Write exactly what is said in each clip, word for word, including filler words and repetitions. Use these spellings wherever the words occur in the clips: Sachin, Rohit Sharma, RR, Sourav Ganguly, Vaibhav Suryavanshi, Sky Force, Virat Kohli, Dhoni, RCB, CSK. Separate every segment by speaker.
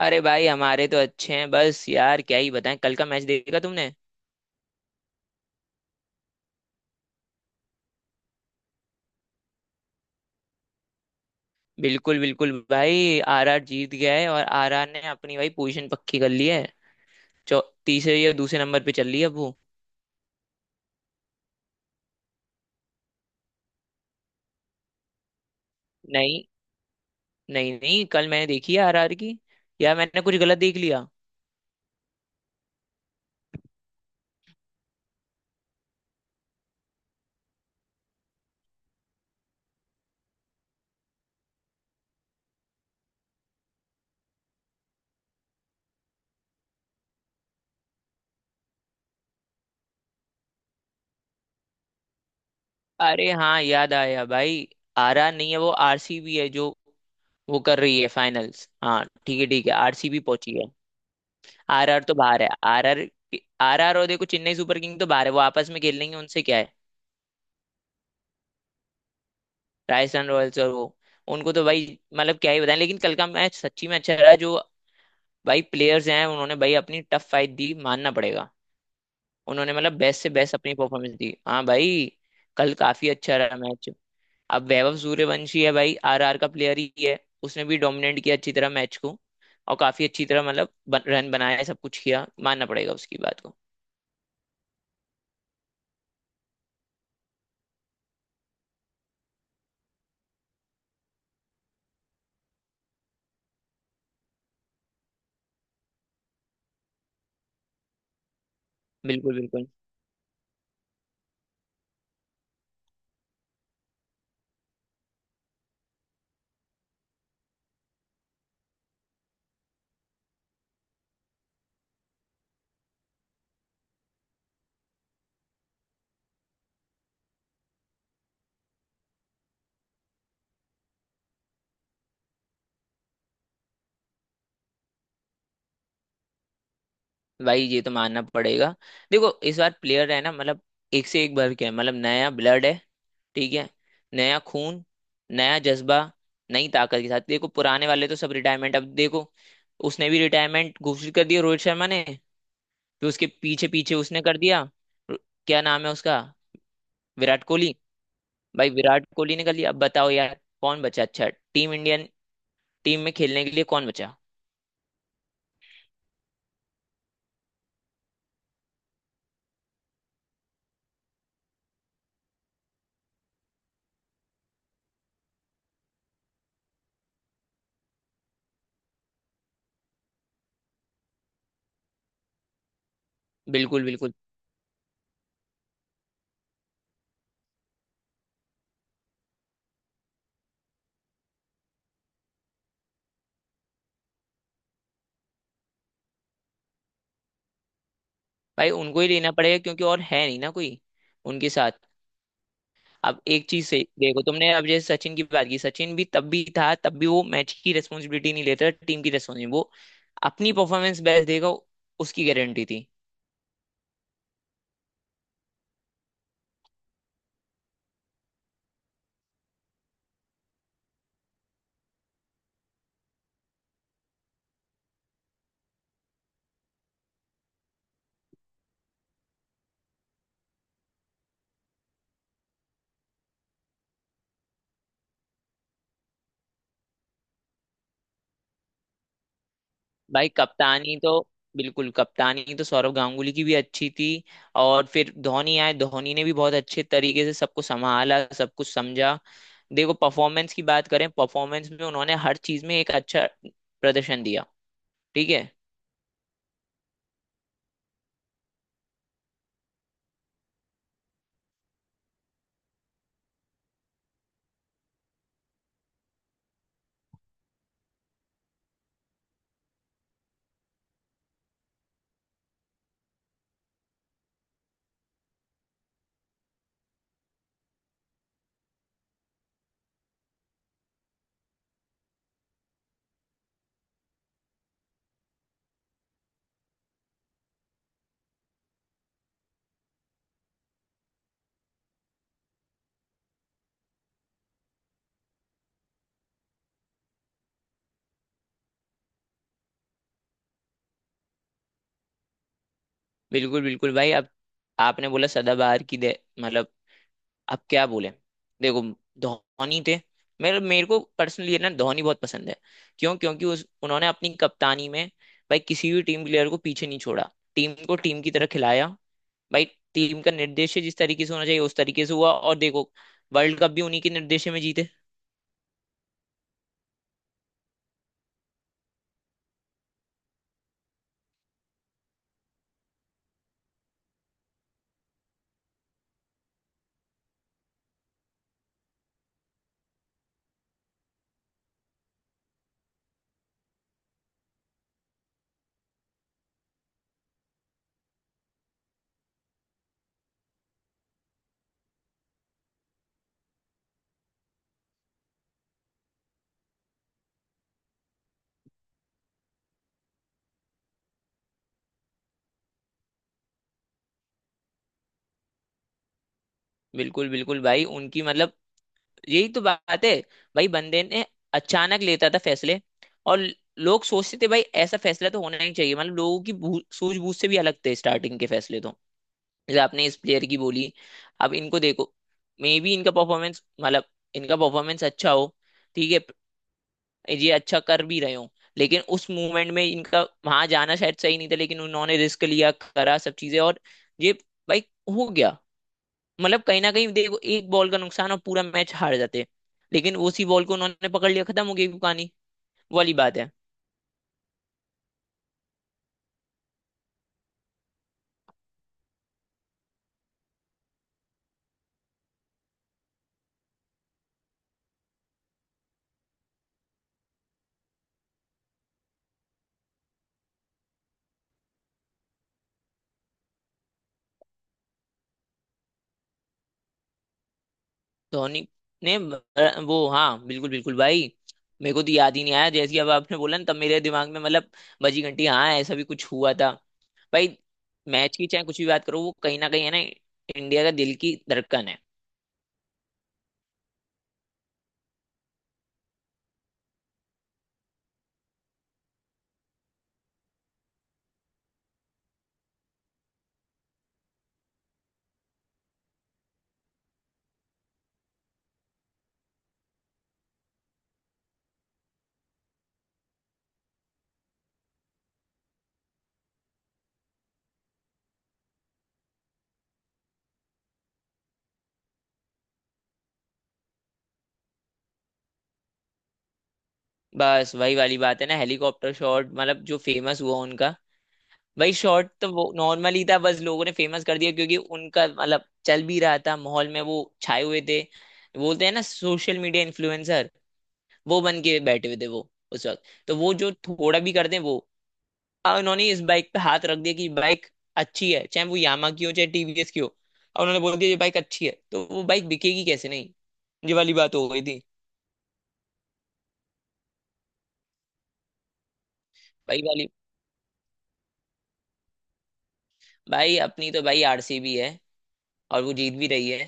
Speaker 1: अरे भाई हमारे तो अच्छे हैं। बस यार क्या ही बताएं, कल का मैच देखा तुमने? बिल्कुल बिल्कुल भाई, आरआर जीत गया है और आरआर ने अपनी भाई पोजीशन पक्की कर ली है। चौ तीसरे या दूसरे नंबर पे चल रही है अब वो। नहीं नहीं नहीं, कल मैंने देखी है आरआर की। यार मैंने कुछ गलत देख लिया। अरे हाँ याद आया भाई, आरआर नहीं है, वो आर सी बी है जो वो कर रही है फाइनल्स। हाँ ठीक है ठीक है, आर सी बी पहुंची है। आर आर तो बाहर है। आरआर आरआर और देखो, चेन्नई सुपर किंग तो बाहर है, वो आपस में खेल लेंगे, उनसे क्या है। राजस्थान रॉयल्स और वो, उनको तो भाई मतलब क्या ही बताएं। लेकिन कल का मैच सच्ची में अच्छा रहा। जो भाई प्लेयर्स हैं उन्होंने भाई अपनी टफ फाइट दी, मानना पड़ेगा। उन्होंने मतलब बेस्ट से बेस्ट अपनी परफॉर्मेंस दी। हाँ भाई, कल काफी अच्छा रहा मैच। अब वैभव सूर्यवंशी है भाई, आर आर का प्लेयर ही है। उसने भी डोमिनेट किया अच्छी तरह मैच को, और काफी अच्छी तरह मतलब रन बनाया, सब कुछ किया, मानना पड़ेगा उसकी बात को। बिल्कुल बिल्कुल भाई, ये तो मानना पड़ेगा। देखो इस बार प्लेयर है ना मतलब, एक से एक भर के है, मतलब नया ब्लड है। ठीक है। नया खून, नया जज्बा, नई ताकत के साथ। देखो पुराने वाले तो सब रिटायरमेंट। अब देखो उसने भी रिटायरमेंट घोषित कर दिया, रोहित शर्मा ने। फिर उसके पीछे पीछे उसने कर दिया। र- क्या नाम है उसका, विराट कोहली। भाई विराट कोहली ने कर लिया, अब बताओ यार कौन बचा। अच्छा टीम इंडियन टीम में खेलने के लिए कौन बचा। बिल्कुल बिल्कुल भाई, उनको ही लेना पड़ेगा क्योंकि और है नहीं ना कोई उनके साथ। अब एक चीज से देखो तुमने, अब जैसे सचिन की बात की, सचिन भी तब भी था, तब भी वो मैच की रेस्पॉन्सिबिलिटी नहीं लेता टीम की रेस्पॉन्सिबिलिटी, वो अपनी परफॉर्मेंस बेस्ट देगा, उसकी गारंटी थी। भाई कप्तानी तो बिल्कुल, कप्तानी तो सौरव गांगुली की भी अच्छी थी, और फिर धोनी आए। धोनी ने भी बहुत अच्छे तरीके से सबको संभाला, सब कुछ समझा। देखो परफॉर्मेंस की बात करें, परफॉर्मेंस में उन्होंने हर चीज में एक अच्छा प्रदर्शन दिया। ठीक है। बिल्कुल बिल्कुल भाई। अब आपने बोला सदाबहार की दे मतलब, अब क्या बोले। देखो धोनी थे, मेरे मेरे को पर्सनली ना धोनी बहुत पसंद है। क्यों? क्योंकि उस उन्होंने अपनी कप्तानी में भाई किसी भी टीम प्लेयर को पीछे नहीं छोड़ा, टीम को टीम की तरह खिलाया। भाई टीम का निर्देश जिस तरीके से होना चाहिए उस तरीके से हुआ, और देखो वर्ल्ड कप भी उन्हीं के निर्देश में जीते। बिल्कुल बिल्कुल भाई, उनकी मतलब यही तो बात है। भाई बंदे ने अचानक लेता था फैसले, और लोग सोचते थे भाई ऐसा फैसला तो होना नहीं चाहिए, मतलब लोगों की भू- सूझबूझ से भी अलग थे स्टार्टिंग के फैसले तो। जैसे आपने इस प्लेयर की बोली, अब इनको देखो, मे बी इनका परफॉर्मेंस मतलब इनका परफॉर्मेंस अच्छा हो, ठीक है, ये अच्छा कर भी रहे हो, लेकिन उस मूवमेंट में इनका वहां जाना शायद सही नहीं था। लेकिन उन्होंने रिस्क लिया, करा सब चीजें, और ये भाई हो गया। मतलब कहीं ना कहीं देखो एक बॉल का नुकसान और पूरा मैच हार जाते। लेकिन उसी बॉल को उन्होंने पकड़ लिया, खत्म हो गई कहानी, वो वाली बात है। धोनी ने अ, वो हाँ, बिल्कुल बिल्कुल भाई, मेरे को तो याद ही नहीं आया। जैसे ही अब आपने बोला ना तब मेरे दिमाग में मतलब बजी घंटी, हाँ ऐसा भी कुछ हुआ था। भाई मैच की चाहे कुछ भी बात करो, वो कहीं ना कहीं है ना इंडिया का दिल की धड़कन है। बस वही वाली बात है ना, हेलीकॉप्टर शॉट, मतलब जो फेमस हुआ उनका। भाई शॉट तो वो नॉर्मल ही था, बस लोगों ने फेमस कर दिया, क्योंकि उनका मतलब चल भी रहा था माहौल में, वो छाए हुए थे। बोलते हैं ना सोशल मीडिया इन्फ्लुएंसर, वो बन के बैठे हुए थे वो उस वक्त। तो वो जो थोड़ा भी कर दें वो, अब उन्होंने इस बाइक पे हाथ रख दिया कि बाइक अच्छी है, चाहे वो यामा की हो, चाहे टी वी एस की हो, और उन्होंने बोल दिया ये बाइक अच्छी है, तो वो बाइक बिकेगी कैसे नहीं, ये वाली बात हो गई थी। भाई वाली, भाई अपनी तो भाई आर सी बी है, और वो जीत भी रही है।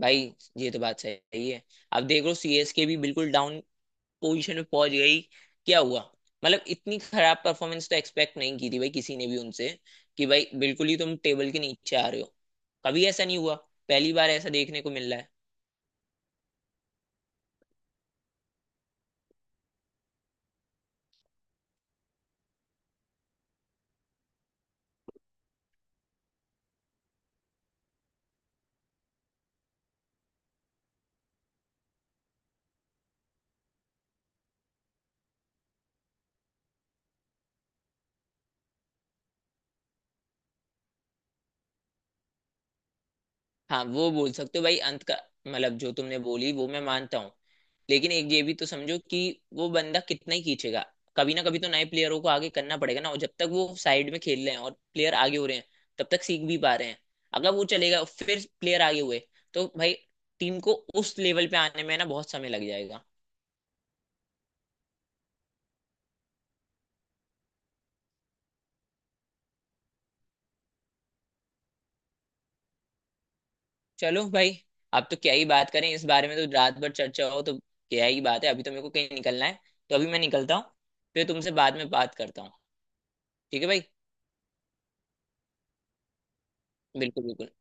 Speaker 1: भाई ये तो बात सही है। अब देख लो सी एस के भी बिल्कुल डाउन पोजीशन में पहुंच गई, क्या हुआ? मतलब इतनी खराब परफॉर्मेंस तो एक्सपेक्ट नहीं की थी भाई किसी ने भी उनसे, कि भाई बिल्कुल ही तुम टेबल के नीचे आ रहे हो। कभी ऐसा नहीं हुआ, पहली बार ऐसा देखने को मिल रहा है। हाँ वो बोल सकते हो भाई अंत का, मतलब जो तुमने बोली वो मैं मानता हूँ, लेकिन एक ये भी तो समझो कि वो बंदा कितना ही खींचेगा, कभी ना कभी तो नए प्लेयरों को आगे करना पड़ेगा ना। और जब तक वो साइड में खेल रहे हैं और प्लेयर आगे हो रहे हैं तब तक सीख भी पा रहे हैं। अगर वो चलेगा और फिर प्लेयर आगे हुए, तो भाई टीम को उस लेवल पे आने में ना बहुत समय लग जाएगा। चलो भाई, अब तो क्या ही बात करें इस बारे में, तो रात भर चर्चा हो तो क्या ही बात है। अभी तो मेरे को कहीं निकलना है, तो अभी मैं निकलता हूँ, फिर तुमसे बाद में बात करता हूँ। ठीक है भाई, बिल्कुल बिल्कुल।